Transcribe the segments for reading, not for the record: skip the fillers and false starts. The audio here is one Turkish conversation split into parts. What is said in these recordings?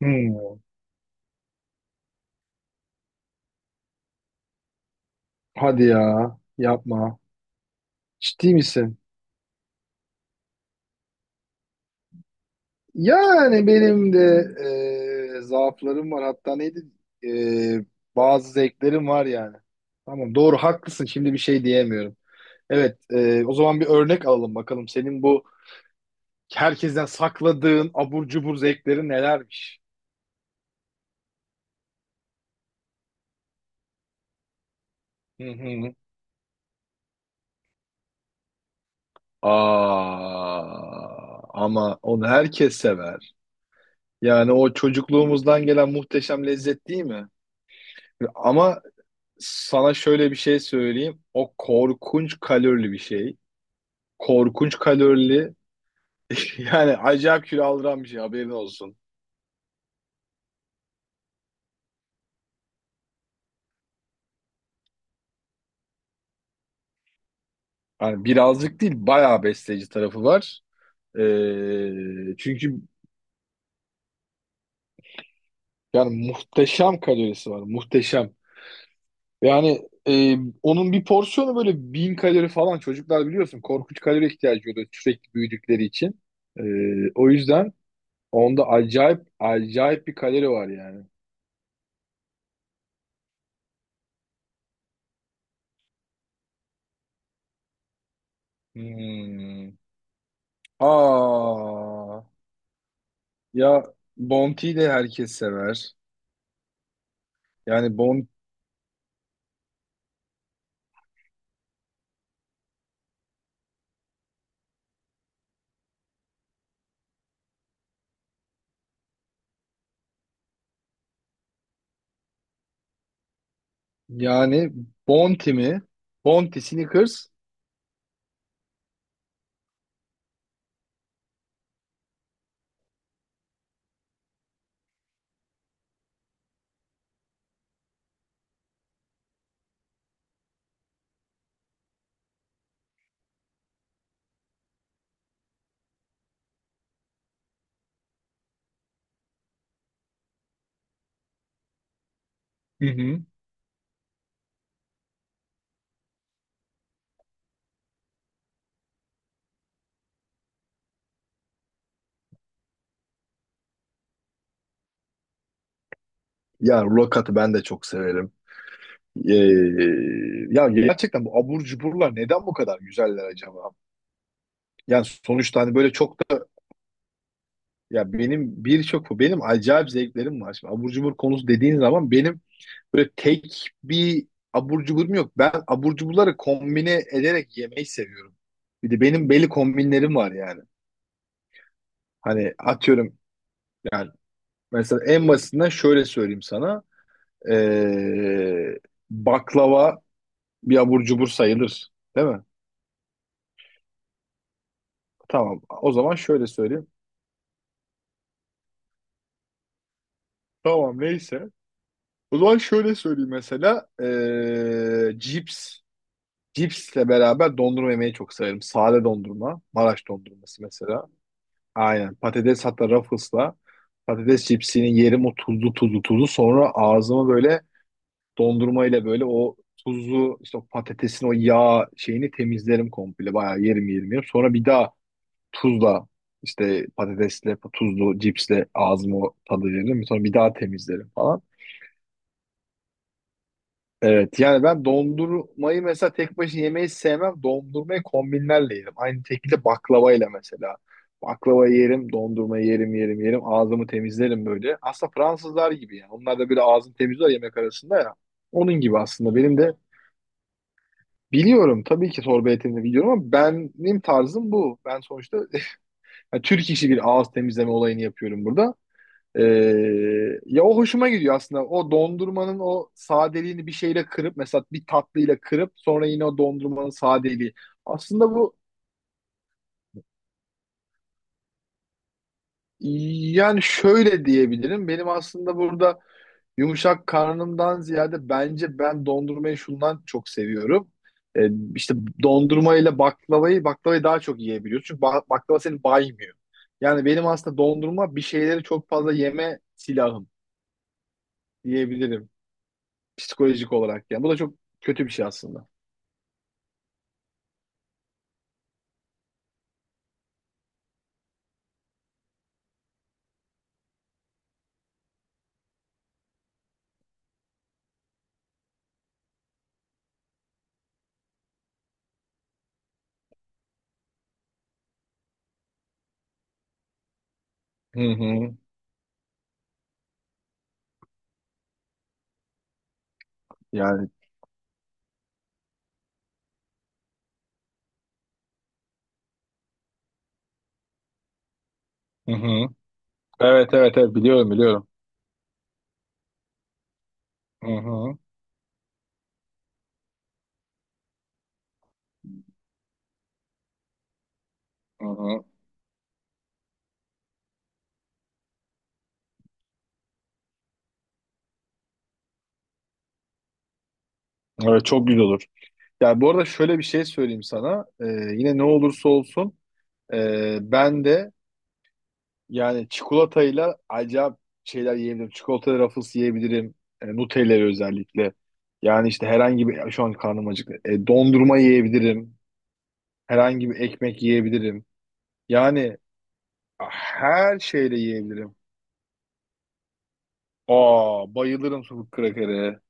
Hmm. Hadi ya, yapma. Ciddi misin? Yani benim de zaaflarım var. Hatta neydi? E, bazı zevklerim var yani. Tamam, doğru, haklısın. Şimdi bir şey diyemiyorum. Evet, o zaman bir örnek alalım bakalım. Senin bu herkesten sakladığın abur cubur zevkleri nelermiş? Hı hı. Aa, ama onu herkes sever. Yani o çocukluğumuzdan gelen muhteşem lezzet, değil mi? Ama Sana şöyle bir şey söyleyeyim. O korkunç kalorili bir şey. Korkunç kalorili. Yani acayip kilo aldıran bir şey, haberin olsun. Yani birazcık değil, bayağı besleyici tarafı var. Çünkü yani muhteşem kalorisi var. Muhteşem. Yani, onun bir porsiyonu böyle bin kalori falan. Çocuklar, biliyorsun, korkunç kalori ihtiyacı oluyor sürekli büyüdükleri için. Ee, o yüzden onda acayip acayip bir kalori var yani. Hmm. Aa, ya Bounty'yi de herkes sever. Yani Bon yani Bounty mi? Bounty Snickers. Hı hı. Ya Rokat'ı ben de çok severim. Ee, ya gerçekten bu abur cuburlar neden bu kadar güzeller acaba? Yani sonuçta, hani böyle çok da, ya benim birçok benim acayip zevklerim var. Şimdi abur cubur konusu dediğin zaman benim böyle tek bir abur cuburum yok. Ben abur cuburları kombine ederek yemeyi seviyorum. Bir de benim belli kombinlerim var yani. Hani atıyorum, yani mesela en basitinden şöyle söyleyeyim sana. Ee, baklava bir abur cubur sayılır. Değil mi? Tamam. O zaman şöyle söyleyeyim. Tamam, neyse. O zaman şöyle söyleyeyim mesela. Cips. Cipsle beraber dondurma yemeyi çok severim. Sade dondurma. Maraş dondurması mesela. Aynen. Patates, hatta Ruffles'la patates cipsini yerim, o tuzlu tuzlu tuzlu, sonra ağzımı böyle dondurmayla, böyle o tuzlu işte o patatesin o yağ şeyini temizlerim komple, bayağı yerim yerim yerim. Sonra bir daha tuzla işte, patatesle tuzlu cipsle ağzımı tadı veririm. Sonra bir daha temizlerim falan. Evet, yani ben dondurmayı mesela tek başına yemeyi sevmem. Dondurmayı kombinlerle yerim. Aynı şekilde baklavayla mesela. Baklava yerim, dondurma yerim, yerim, yerim. Ağzımı temizlerim böyle. Aslında Fransızlar gibi yani. Onlar da böyle ağzını temizler yemek arasında ya. Onun gibi aslında benim de biliyorum. Tabii ki torba etimini biliyorum ama benim tarzım bu. Ben sonuçta, yani, Türk işi bir ağız temizleme olayını yapıyorum burada. Ee, ya o hoşuma gidiyor aslında. O dondurmanın o sadeliğini bir şeyle kırıp, mesela bir tatlıyla kırıp sonra yine o dondurmanın sadeliği. Aslında bu, yani şöyle diyebilirim. Benim aslında burada yumuşak karnımdan ziyade, bence ben dondurmayı şundan çok seviyorum. Ee, işte dondurma ile baklavayı daha çok yiyebiliyorsun. Çünkü baklava seni baymıyor. Yani benim aslında dondurma, bir şeyleri çok fazla yeme silahım diyebilirim. Psikolojik olarak yani. Bu da çok kötü bir şey aslında. Hı hı. Yani, hı hı. Evet, evet, evet, biliyorum, biliyorum. Hı hı. Hı hı. Evet, çok güzel olur. Ya bu arada şöyle bir şey söyleyeyim sana. Yine ne olursa olsun, ben de yani çikolatayla acayip şeyler yiyebilirim. Çikolata rafles yiyebilirim. Nutella'yı özellikle. Yani işte herhangi bir, şu an karnım acıktı. Dondurma yiyebilirim. Herhangi bir ekmek yiyebilirim. Yani her şeyle yiyebilirim. Aa, bayılırım sucuk krakere.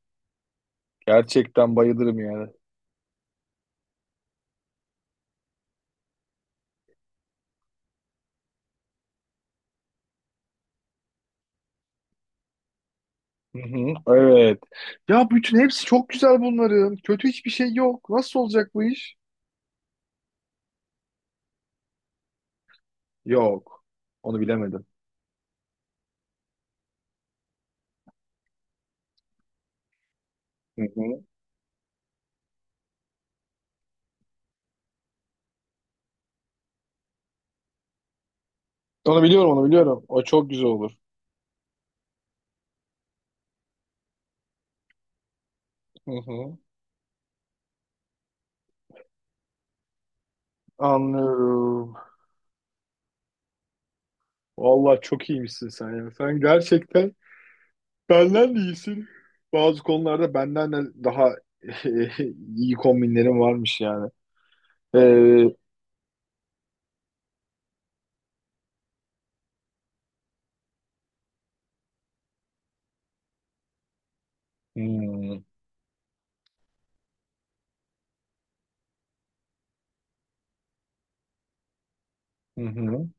Gerçekten bayılırım yani. Hı hı, evet. Ya bütün hepsi çok güzel bunların. Kötü hiçbir şey yok. Nasıl olacak bu iş? Yok. Onu bilemedim. Hı hı. Onu biliyorum, onu biliyorum. O çok güzel olur. Hı hı. Anlıyorum. Vallahi çok iyiymişsin sen ya. Sen gerçekten benden de iyisin. Bazı konularda benden de daha iyi kombinlerin varmış yani. Ee, hmm, hı hı.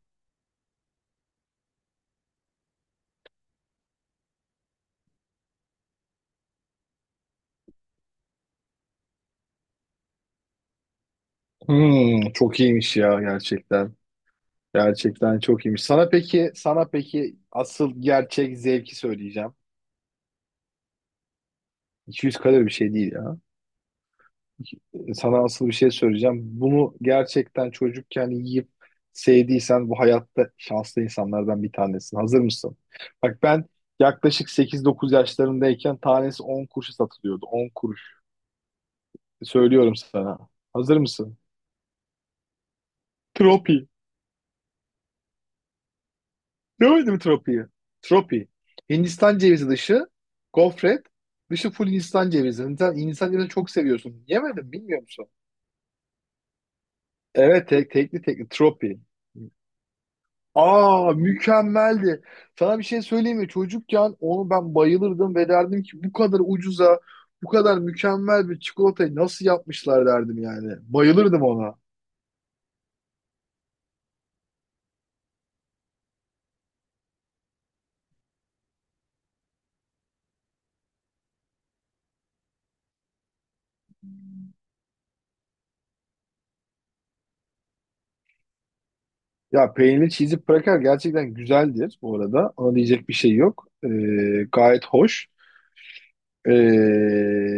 Çok iyiymiş ya gerçekten. Gerçekten çok iyiymiş. Sana peki, asıl gerçek zevki söyleyeceğim. 200 kalori bir şey değil ya. Sana asıl bir şey söyleyeceğim. Bunu gerçekten çocukken yiyip sevdiysen bu hayatta şanslı insanlardan bir tanesin. Hazır mısın? Bak ben yaklaşık 8-9 yaşlarındayken tanesi 10 kuruşa satılıyordu. 10 kuruş. Söylüyorum sana. Hazır mısın? Tropi. Gördüm Tropi'yi. Tropi. Hindistan cevizi dışı, gofret, dışı full Hindistan cevizi. Hindistan cevizini çok seviyorsun. Yemedim, bilmiyor musun? Evet, tekli Tropi. Aa, mükemmeldi. Sana bir şey söyleyeyim mi? Çocukken onu ben bayılırdım ve derdim ki bu kadar ucuza, bu kadar mükemmel bir çikolatayı nasıl yapmışlar derdim yani. Bayılırdım ona. Ya peynirli cheesy cracker gerçekten güzeldir bu arada. Ona diyecek bir şey yok. Gayet hoş. Ee,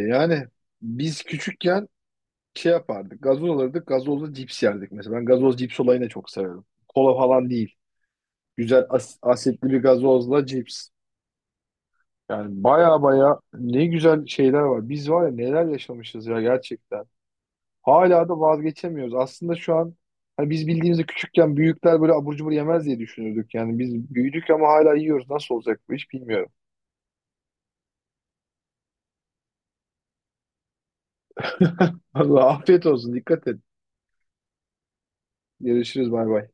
yani biz küçükken şey yapardık. Gazoz alırdık. Gazozla cips yerdik mesela. Ben gazoz cips olayını çok severim. Kola falan değil. Güzel asitli bir gazozla cips. Yani baya baya ne güzel şeyler var. Biz var ya, neler yaşamışız ya gerçekten. Hala da vazgeçemiyoruz. Aslında şu an hani biz bildiğimizde küçükken büyükler böyle abur cubur yemez diye düşünürdük. Yani biz büyüdük ama hala yiyoruz. Nasıl olacak bu iş bilmiyorum. Allah afiyet olsun. Dikkat et. Görüşürüz. Bay bay.